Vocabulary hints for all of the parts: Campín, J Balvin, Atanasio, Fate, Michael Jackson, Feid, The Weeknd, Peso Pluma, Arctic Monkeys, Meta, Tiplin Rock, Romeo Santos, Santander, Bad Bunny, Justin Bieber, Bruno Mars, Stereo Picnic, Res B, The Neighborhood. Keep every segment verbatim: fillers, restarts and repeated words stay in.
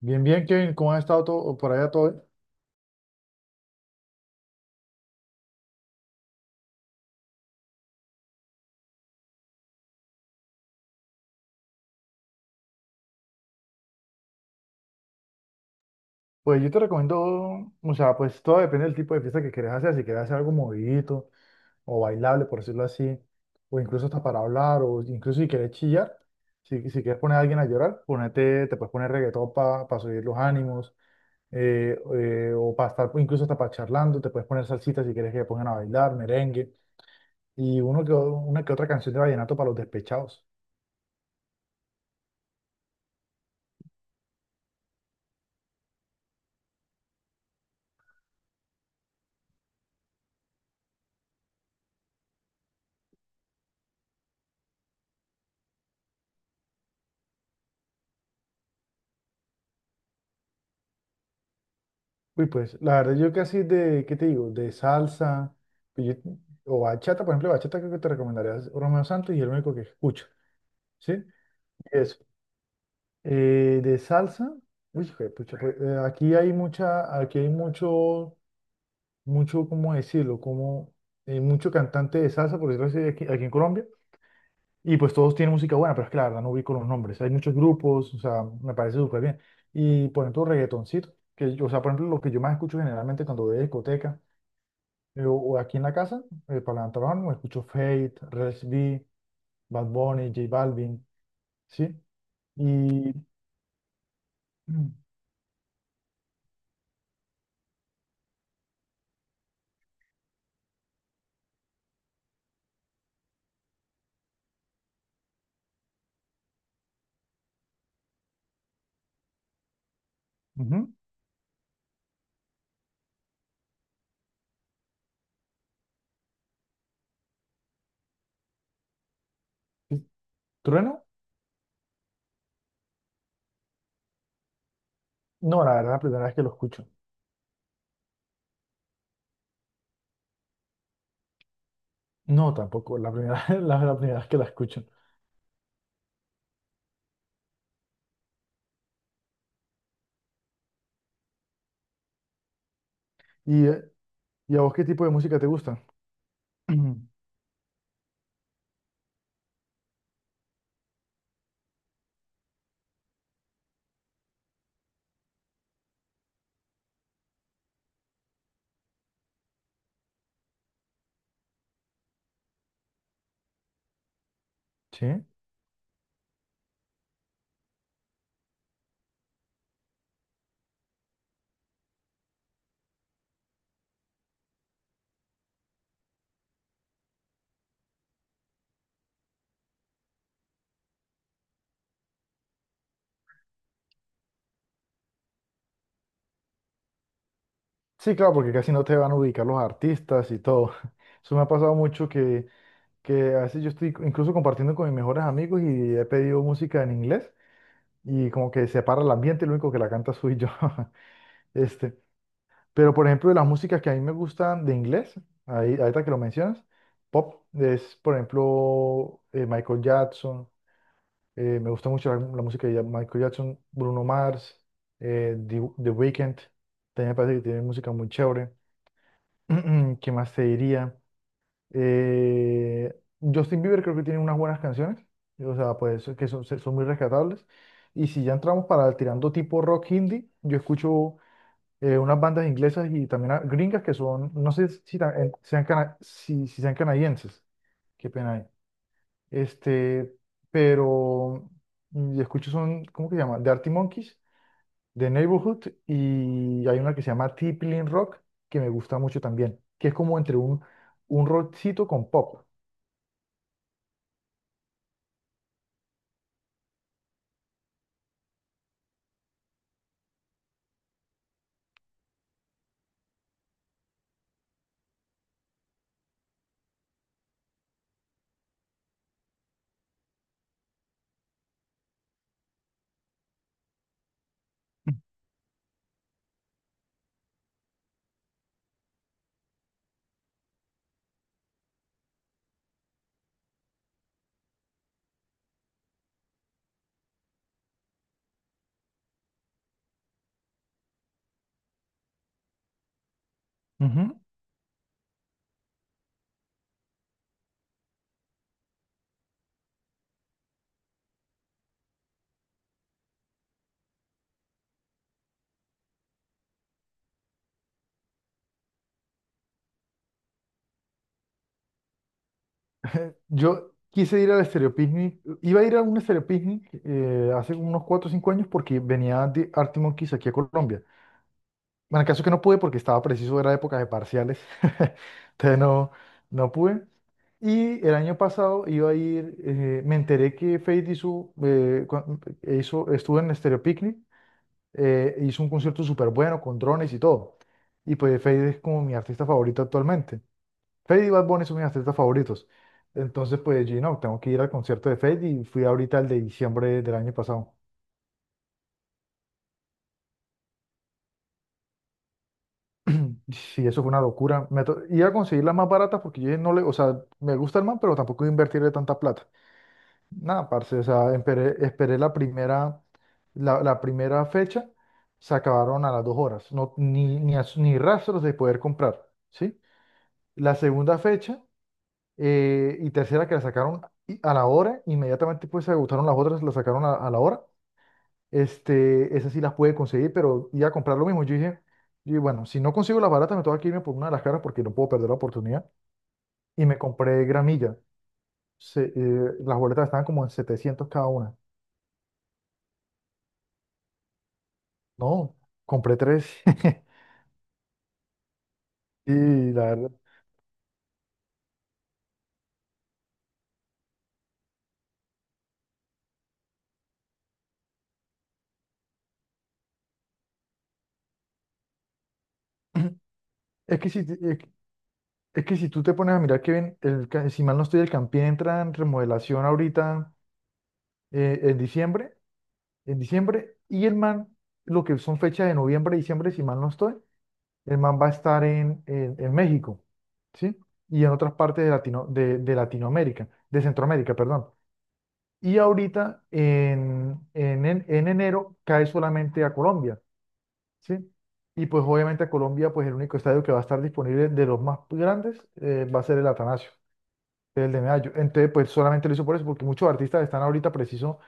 Bien, bien, Kevin, ¿cómo has estado? ¿Todo, por allá todo bien? Pues yo te recomiendo, o sea, pues todo depende del tipo de fiesta que quieras hacer, si quieres hacer algo movidito o bailable, por decirlo así, o incluso hasta para hablar, o incluso si quieres chillar, si, si quieres poner a alguien a llorar, ponete, te puedes poner reggaetón para subir los ánimos, eh, eh, o para estar, incluso hasta para charlando, te puedes poner salsita si quieres que te pongan a bailar, merengue, y uno que, o- una que otra canción de vallenato para los despechados. Uy, pues, la verdad, yo casi de, ¿qué te digo? De salsa, pues yo- o bachata, por ejemplo, bachata creo que te recomendaría es Romeo Santos y el único que escucho, ¿sí? Y eso. Eh, de salsa, uy, hijo de pucha, pues, eh, aquí hay mucha, aquí hay mucho, mucho, ¿cómo decirlo? Como, eh, mucho cantante de salsa, por decirlo así, aquí, aquí en Colombia, y pues todos tienen música buena, pero es que la verdad no ubico los nombres. Hay muchos grupos, o sea, me parece súper bien. Y, por ejemplo, reggaetoncito, que, yo- o sea, por ejemplo, lo que yo más escucho generalmente cuando voy a discoteca, eh, o o aquí en la casa, eh, para levantar la mano, me escucho Fate, Res B, Bad Bunny, J Balvin, ¿sí? Y... ujú, ¿sí? ¿Trueno? No, la verdad, la primera vez que lo escucho. No, tampoco, la primera, la, la primera vez que la escucho. ¿Y, eh, ¿y a vos qué tipo de música te gusta? ¿Sí? Sí, claro, porque casi no te van a ubicar los artistas y todo. Eso me ha pasado mucho que, que a veces yo estoy incluso compartiendo con mis mejores amigos y he pedido música en inglés y como que separa el ambiente, lo único que la canta soy yo. Este, pero por ejemplo, de las músicas que a mí me gustan de inglés, ahí, ahorita que lo mencionas, pop es, por ejemplo, eh, Michael Jackson, eh, me gusta mucho la, la música de Ya- Michael Jackson, Bruno Mars, eh, The, The Weeknd, también me parece que tiene música muy chévere. ¿Qué más te diría? Eh, Justin Bieber creo que tiene unas buenas canciones, o sea, pues que son, son muy rescatables. Y si ya entramos para tirando tipo rock hindi, yo escucho eh, unas bandas inglesas y también a- gringas que son, no sé si, ta- eh, sean, cana- si, si sean canadienses, qué pena ahí. Este, pero mm, y escucho son, ¿cómo que se llama? The Arctic Monkeys, The Neighborhood y hay una que se llama Tiplin Rock que me gusta mucho también, que es como entre un, un rockcito con pop. Ujú. Yo quise ir al Stereo Picnic, iba a ir a un Stereo Picnic eh, hace unos cuatro o cinco años porque venía de Arctic Monkeys aquí a Colombia. Bueno, el caso es que no pude porque estaba preciso, era época de parciales, entonces no, no pude. Y el año pasado iba a ir, eh, me enteré que Feid hizo, eh, cu- hizo, estuvo en Stereo Picnic, eh, hizo un concierto súper bueno con drones y todo. Y pues Feid es como mi artista favorito actualmente. Fade y Bad Bunny son mis artistas favoritos. Entonces, pues, yo no, tengo que ir al concierto de Fade y fui ahorita el de diciembre del año pasado. Sí, eso fue una locura. Me to- iba a conseguir las más baratas porque yo dije, no le, o sea, me gusta el man, pero tampoco voy a invertirle tanta plata. Nada, parce, o sea, esperé, esperé la primera, la, la primera fecha, se acabaron a las dos horas, no, ni, ni, as- ni rastros de poder comprar, ¿sí? La segunda fecha eh, y tercera que la sacaron y- a la hora, inmediatamente pues se agotaron las otras, la sacaron a, a la hora. Este, esas sí las pude conseguir, pero iba a comprar lo mismo. Yo dije, y bueno, si no consigo las baratas, me tengo que irme por una de las caras porque no puedo perder la oportunidad. Y me compré gramilla. Se- eh, las boletas estaban como en setecientos cada una. No, compré tres. Y la verdad, es que si, te- es, que es que si tú te pones a mirar que ven, el, ca- si mal no estoy, el Campín entra en remodelación ahorita eh, en diciembre, en diciembre, y el MAN, lo que son fechas de noviembre, diciembre, si mal no estoy el man va a estar en, en- en México, ¿sí? Y en otras partes de, Latino, de, de Latinoamérica, de Centroamérica, perdón. Y ahorita, en, en, en- en enero, cae solamente a Colombia, ¿sí? Y pues obviamente a Colombia, pues el único estadio que va a estar disponible de los más grandes eh, va a ser el Atanasio, el de Medallo. Entonces, pues solamente lo hizo por eso, porque muchos artistas están ahorita preciso.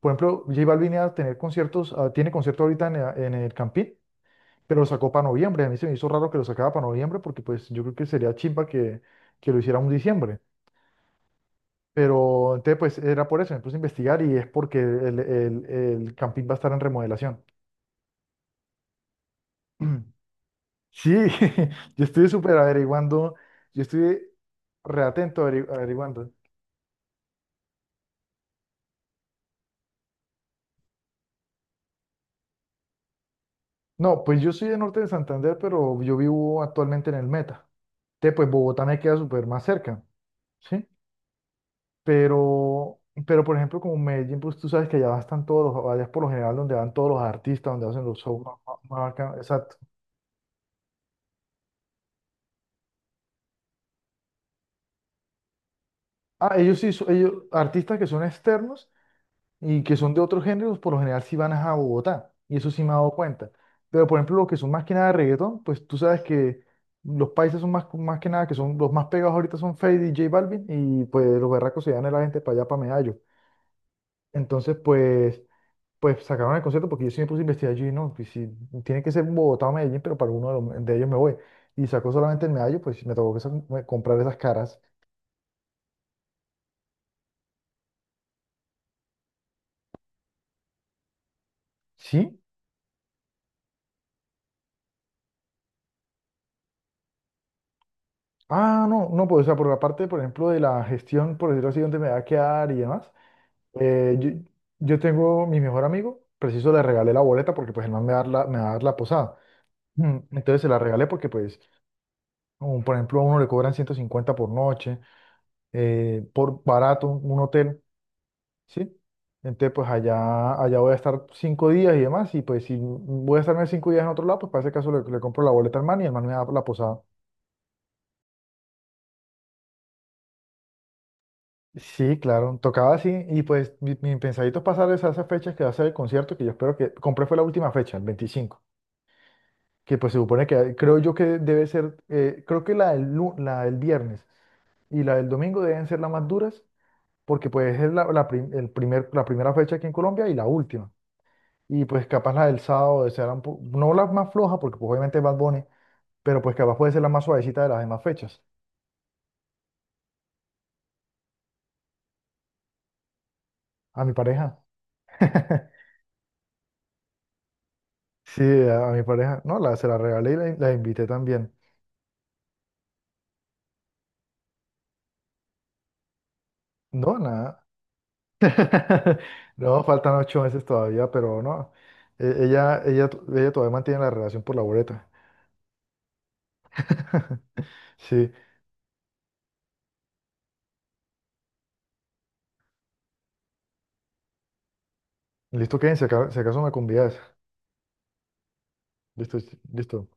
Por ejemplo, J Balvin iba a tener conciertos, ah, tiene concierto ahorita en, en el Campín, pero lo sacó para noviembre. A mí se me hizo raro que lo sacara para noviembre porque pues yo creo que sería chimba que, que lo hiciera un diciembre. Pero entonces pues era por eso, me puse a investigar y es porque el, el, el camping va a estar en remodelación. Sí, yo estoy súper averiguando, yo estoy reatento averigu- averiguando. No, pues yo soy de Norte de Santander, pero yo vivo actualmente en el Meta. Entonces pues Bogotá me queda súper más cerca, ¿sí? Pero, pero por ejemplo, como en Medellín, pues tú sabes que allá están todos los, allá es por lo general donde van todos los artistas, donde hacen los shows más, más- más bacanos. Exacto. Ah, ellos sí, son- ellos, artistas que son externos y que son de otros géneros, por lo general sí van a Bogotá, y eso sí me he dado cuenta. Pero por ejemplo, los que son más que nada de reggaetón, pues tú sabes que los países son más, más que nada, que son los más pegados ahorita son Feid y J Balvin, y pues los berracos se dan a la gente para allá, para Medallo. Entonces, pues. Pues sacaron el concierto porque yo sí me puse a investigar allí, ¿no? Pues si tiene que ser Bogotá o Medellín, pero para uno de, los- de ellos me voy. Y sacó solamente el medallo, pues me tocó que sa- me- comprar esas caras. ¿Sí? Ah, no, no, pues o sea, por la parte, por ejemplo, de la gestión, por decirlo así, donde me va a quedar y demás. eh, yo, yo tengo mi mejor amigo, preciso le regalé la boleta porque pues el man me va a dar la, me va a dar la posada. Mm, Entonces se la regalé porque pues, un- por ejemplo, a uno le cobran ciento cincuenta por noche, eh, por barato, un un hotel. ¿Sí? Entonces, pues allá, allá voy a estar cinco días y demás, y pues si voy a estarme cinco días en otro lado, pues para ese caso le, le compro la boleta al man y el man me da la posada. Sí, claro, tocaba así, y pues mi, mi pensadito es pasar esa- esas fechas que va a ser el concierto, que yo espero que, compré fue la última fecha, el veinticinco, que pues se supone que creo yo que debe ser, eh, creo que la del, lu- la del viernes y la del domingo deben ser las más duras, porque pues es la, la prim- el primer, la primera fecha aquí en Colombia y la última. Y pues capaz la del sábado será un po- no la más floja, porque pues, obviamente es Bad Bunny, pero pues capaz puede ser la más suavecita de las demás fechas. A mi pareja. Sí, a, a mi pareja. No, la, se la regalé y la, la invité también. No, nada. No, faltan ocho meses todavía, pero no. E- Ella, ella, ella todavía mantiene la relación por la boleta. Sí. Listo, Kevin, si aca- si acaso me convidas. Listo, listo.